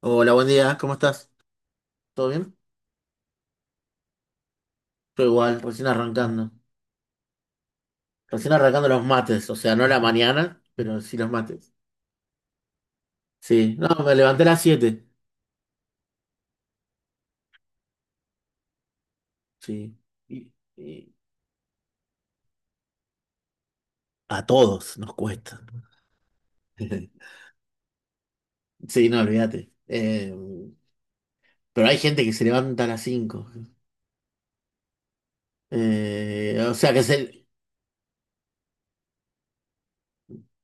Hola, buen día, ¿cómo estás? ¿Todo bien? Todo igual, recién arrancando. Recién arrancando los mates, o sea, no la mañana, pero sí los mates. Sí, no, me levanté a las 7. Sí. Y a todos nos cuesta. Sí, no, olvídate. Pero hay gente que se levanta a las 5. O sea,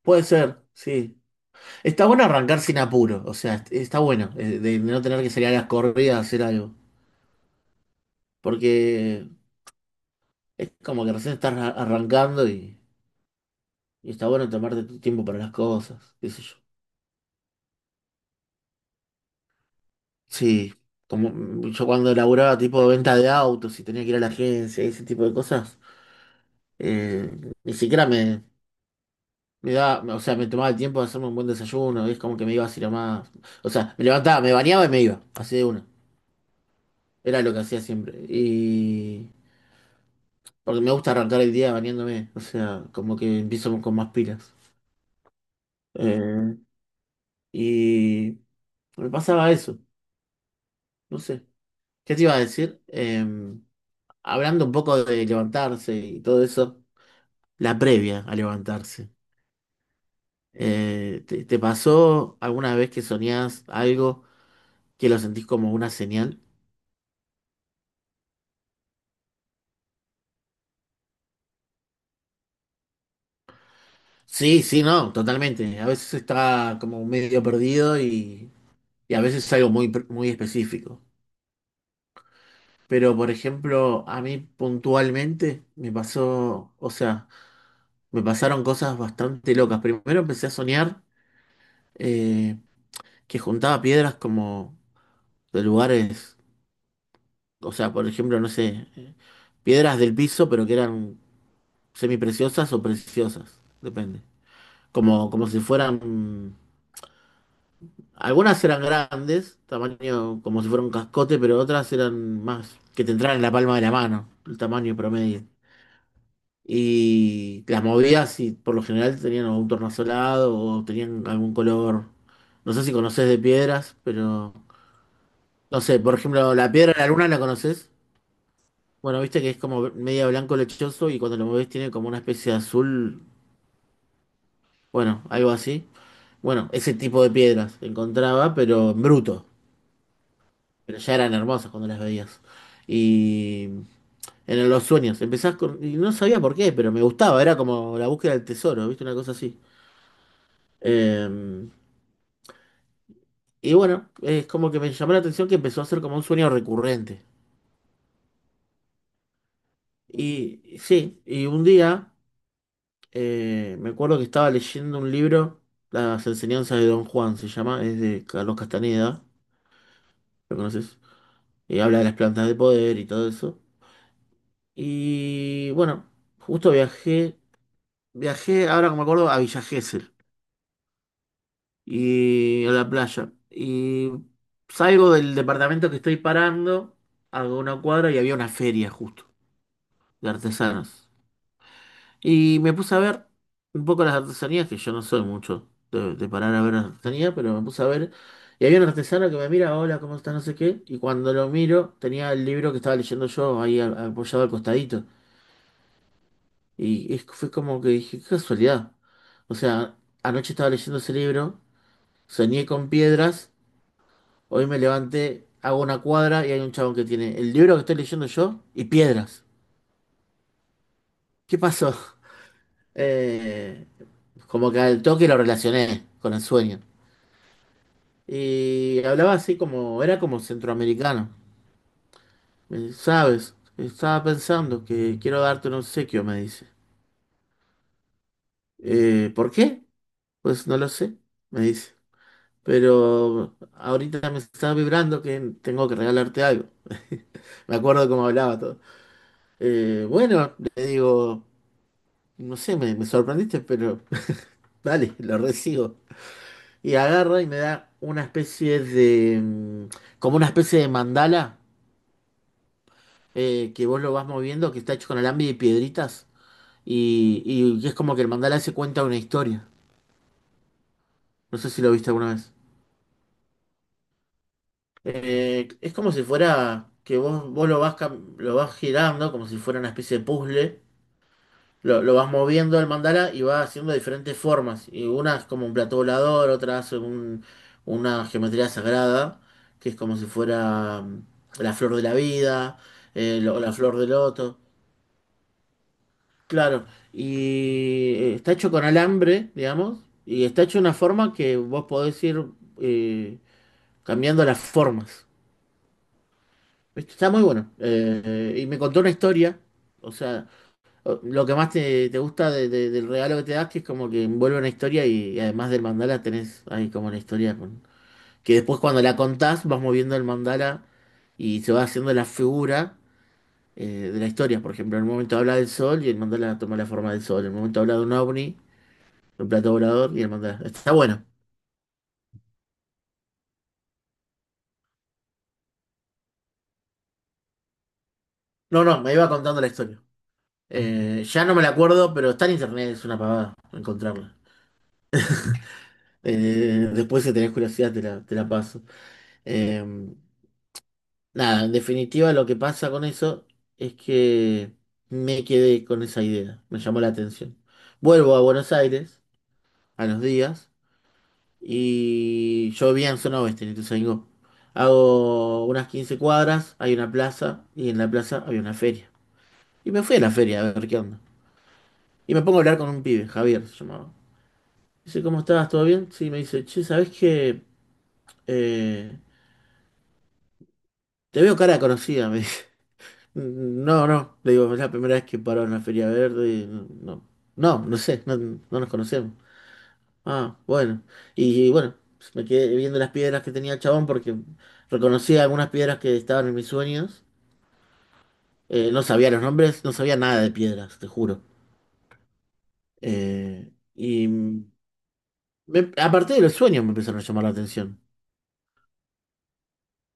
Puede ser, sí. Está bueno arrancar sin apuro, o sea, está bueno, de no tener que salir a las corridas a hacer algo. Porque es como que recién estás arrancando. Y está bueno tomarte tu tiempo para las cosas, qué sé yo. Sí, como yo cuando laburaba tipo de venta de autos y tenía que ir a la agencia y ese tipo de cosas, eh, ni siquiera me daba, o sea, me tomaba el tiempo de hacerme un buen desayuno, y es como que me iba así nomás. O sea, me levantaba, me bañaba y me iba, así de una. Era lo que hacía siempre. Y porque me gusta arrancar el día bañándome, o sea, como que empiezo con más pilas. Eh, y me pasaba eso, no sé. ¿Qué te iba a decir? Hablando un poco de levantarse y todo eso, la previa a levantarse. ¿Te pasó alguna vez que soñás algo que lo sentís como una señal? Sí, sí, no, totalmente. A veces está como medio perdido y a veces es algo muy específico. Pero, por ejemplo, a mí puntualmente me pasó, o sea, me pasaron cosas bastante locas. Primero empecé a soñar eh, que juntaba piedras como de lugares. O sea, por ejemplo, no sé, piedras del piso, pero que eran semipreciosas o preciosas, depende. Como si fueran, algunas eran grandes, tamaño como si fuera un cascote, pero otras eran más, que te entraran en la palma de la mano, el tamaño promedio. Y las movías y por lo general tenían un tornasolado o tenían algún color. No sé si conoces de piedras, pero no sé, por ejemplo, la piedra de la luna, ¿la conoces? Bueno, viste que es como media blanco lechoso y cuando lo mueves tiene como una especie de azul, bueno, algo así. Bueno, ese tipo de piedras encontraba, pero en bruto. Pero ya eran hermosas cuando las veías. Y en los sueños, y no sabía por qué, pero me gustaba, era como la búsqueda del tesoro, viste, una cosa así. Eh, y bueno, es como que me llamó la atención que empezó a ser como un sueño recurrente. Y sí, y un día. Me acuerdo que estaba leyendo un libro, Las enseñanzas de Don Juan se llama, es de Carlos Castaneda, ¿lo conoces? Y habla de las plantas de poder y todo eso. Y bueno, justo viajé, ahora que me acuerdo, a Villa Gesell y a la playa. Y salgo del departamento que estoy parando, hago una cuadra y había una feria justo de artesanos. Y me puse a ver un poco las artesanías, que yo no soy mucho de parar a ver artesanía, pero me puse a ver. Y había un artesano que me mira, hola, ¿cómo está? No sé qué. Y cuando lo miro, tenía el libro que estaba leyendo yo ahí apoyado al costadito. Y fue como que dije, qué casualidad. O sea, anoche estaba leyendo ese libro, soñé con piedras, hoy me levanté, hago una cuadra y hay un chabón que tiene el libro que estoy leyendo yo y piedras. ¿Qué pasó? Eh, como que al toque lo relacioné con el sueño. Y hablaba así como, era como centroamericano. ¿Sabes? Estaba pensando que quiero darte un obsequio, me dice. ¿Por qué? Pues no lo sé, me dice. Pero ahorita me está vibrando que tengo que regalarte algo. Me acuerdo cómo hablaba todo. "Bueno, le digo, no sé, me sorprendiste, pero vale, lo recibo. Y agarra y me da una especie de, como una especie de mandala, que vos lo vas moviendo, que está hecho con alambre y piedritas, y es como que el mandala se cuenta una historia. No sé si lo viste alguna vez. Es como si fuera que vos lo vas girando, como si fuera una especie de puzzle. Lo vas moviendo el mandala y va haciendo diferentes formas. Y una es como un plato volador, otra hace una geometría sagrada, que es como si fuera, la flor de la vida, la flor del loto. Claro, y está hecho con alambre, digamos, y está hecho de una forma que vos podés ir, eh, cambiando las formas. ¿Viste? Está muy bueno. Y me contó una historia, o sea, lo que más te gusta del regalo que te das, que es como que envuelve una historia, y además del mandala tenés ahí como una historia, que después cuando la contás vas moviendo el mandala y se va haciendo la figura, de la historia. Por ejemplo, en un momento habla del sol y el mandala toma la forma del sol, en un momento habla de un ovni. El plato volador y el mandar. Está bueno. No, no, me iba contando la historia. Ya no me la acuerdo, pero está en internet, es una pavada encontrarla. Después, si tenés curiosidad, te la paso. Eh, nada, en definitiva, lo que pasa con eso es que me quedé con esa idea, me llamó la atención. Vuelvo a Buenos Aires a los días y yo vivía en zona oeste, en Ituzaingó. Hago unas 15 cuadras, hay una plaza y en la plaza había una feria. Y me fui a la feria a ver qué onda. Y me pongo a hablar con un pibe, Javier se llamaba. Dice, ¿cómo estás? ¿Todo bien? Sí, me dice, che, ¿sabés qué? Eh, te veo cara conocida, me dice. No, no, le digo, es la primera vez que paro en la Feria Verde, y no, no, no, no sé, no, no nos conocemos. Ah, bueno. Y bueno, pues, me quedé viendo las piedras que tenía el chabón porque reconocía algunas piedras que estaban en mis sueños. No sabía los nombres, no sabía nada de piedras, te juro. Y a partir de los sueños me empezaron a llamar la atención.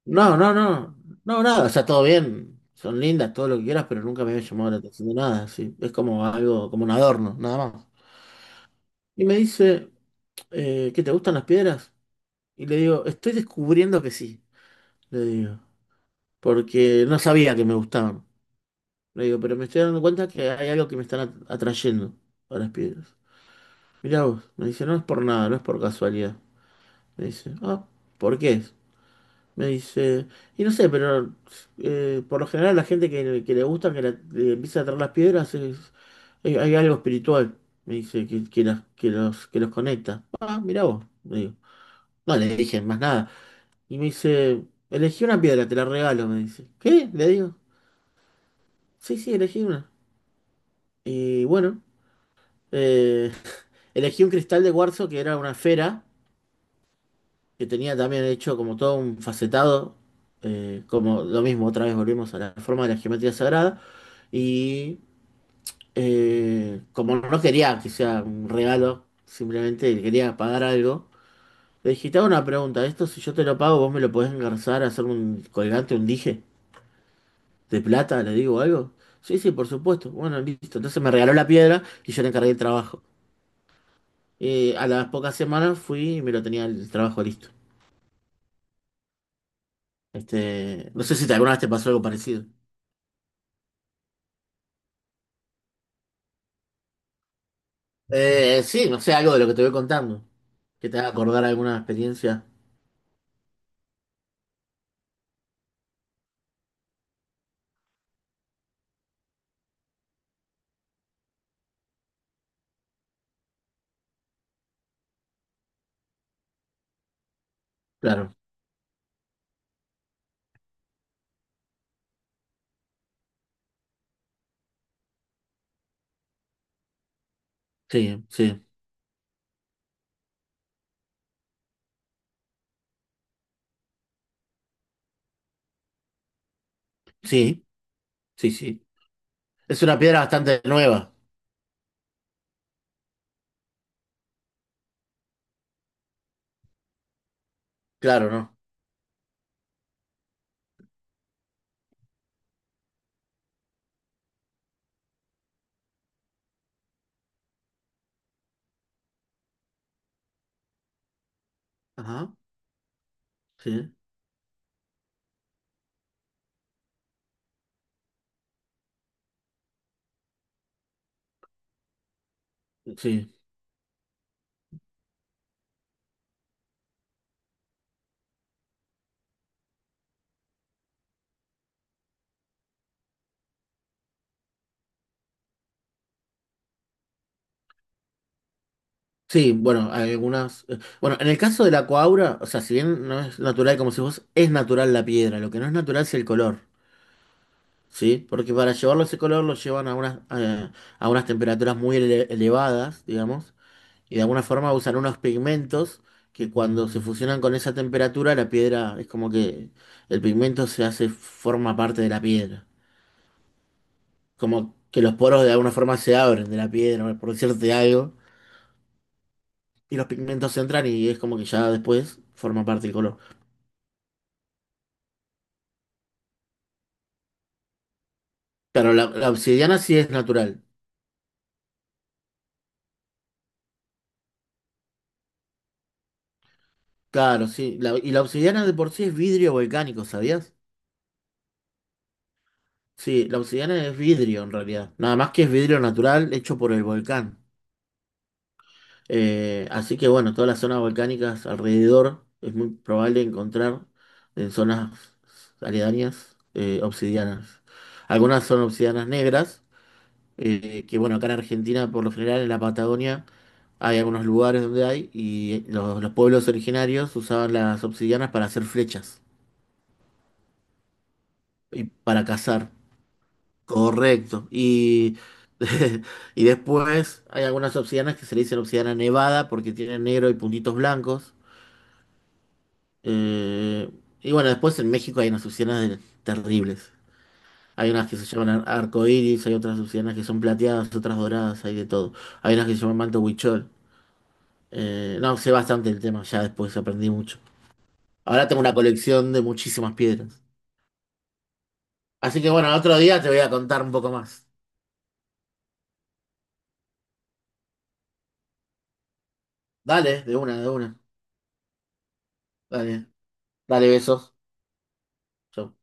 No, no, no, no, nada, o sea, todo bien, son lindas, todo lo que quieras, pero nunca me había llamado la atención de nada, sí, es como algo, como un adorno, nada más. Y me dice, ¿qué te gustan las piedras? Y le digo, estoy descubriendo que sí, le digo, porque no sabía que me gustaban. Le digo, pero me estoy dando cuenta que hay algo que me están atrayendo a las piedras. Mirá vos, me dice, no es por nada, no es por casualidad. Me dice, ah, ¿por qué? Me dice, y no sé, pero por lo general la gente que le gusta, le empieza a traer las piedras, hay, algo espiritual, me dice, que los conecta. Ah, mirá vos, le digo. No le dije más nada. Y me dice, elegí una piedra, te la regalo, me dice. ¿Qué? Le digo, sí, sí, elegí una. Y bueno, eh, elegí un cristal de cuarzo que era una esfera que tenía también hecho como todo un facetado, como lo mismo, otra vez volvimos a la forma de la geometría sagrada, y como no quería que sea un regalo, simplemente quería pagar algo, le dije, te hago una pregunta, esto si yo te lo pago, vos me lo podés engarzar, hacer un colgante, un dije de plata, le digo algo. Sí, sí, por supuesto. Bueno, listo. Entonces me regaló la piedra y yo le encargué el trabajo. A las pocas semanas fui y me lo tenía el trabajo listo. Este, no sé si alguna vez te pasó algo parecido. Sí, no sé, algo de lo que te voy contando, que te haga acordar alguna experiencia. Claro, sí, sí, sí, sí, sí. Es una piedra bastante nueva, claro, ¿no? Ajá, sí, sí. Sí, bueno, hay algunas, bueno, en el caso de la coaura, o sea, si bien no es natural como si vos, es natural la piedra, lo que no es natural es el color, ¿sí? Porque para llevarlo ese color lo llevan a unas temperaturas muy elevadas, digamos, y de alguna forma usan unos pigmentos que cuando se fusionan con esa temperatura, la piedra es como que el pigmento se hace, forma parte de la piedra. Como que los poros de alguna forma se abren de la piedra, por decirte algo, y los pigmentos entran y es como que ya después forma parte del color. Claro, la obsidiana sí es natural. Claro, sí. Y la obsidiana de por sí es vidrio volcánico, ¿sabías? Sí, la obsidiana es vidrio en realidad. Nada más que es vidrio natural hecho por el volcán. Así que bueno, todas las zonas volcánicas alrededor es muy probable encontrar en zonas aledañas, obsidianas. Algunas son obsidianas negras, que bueno, acá en Argentina por lo general en la Patagonia hay algunos lugares donde hay y los pueblos originarios usaban las obsidianas para hacer flechas y para cazar. Correcto. Y, y después hay algunas obsidianas que se le dicen obsidiana nevada porque tienen negro y puntitos blancos. Eh, y bueno, después en México hay unas azucenas terribles. Hay unas que se llaman arcoíris, hay otras azucenas que son plateadas, otras doradas, hay de todo. Hay unas que se llaman manto huichol. No, sé bastante el tema, ya después aprendí mucho. Ahora tengo una colección de muchísimas piedras. Así que bueno, otro día te voy a contar un poco más. Dale, de una, de una. Dale, dale, besos. Chau.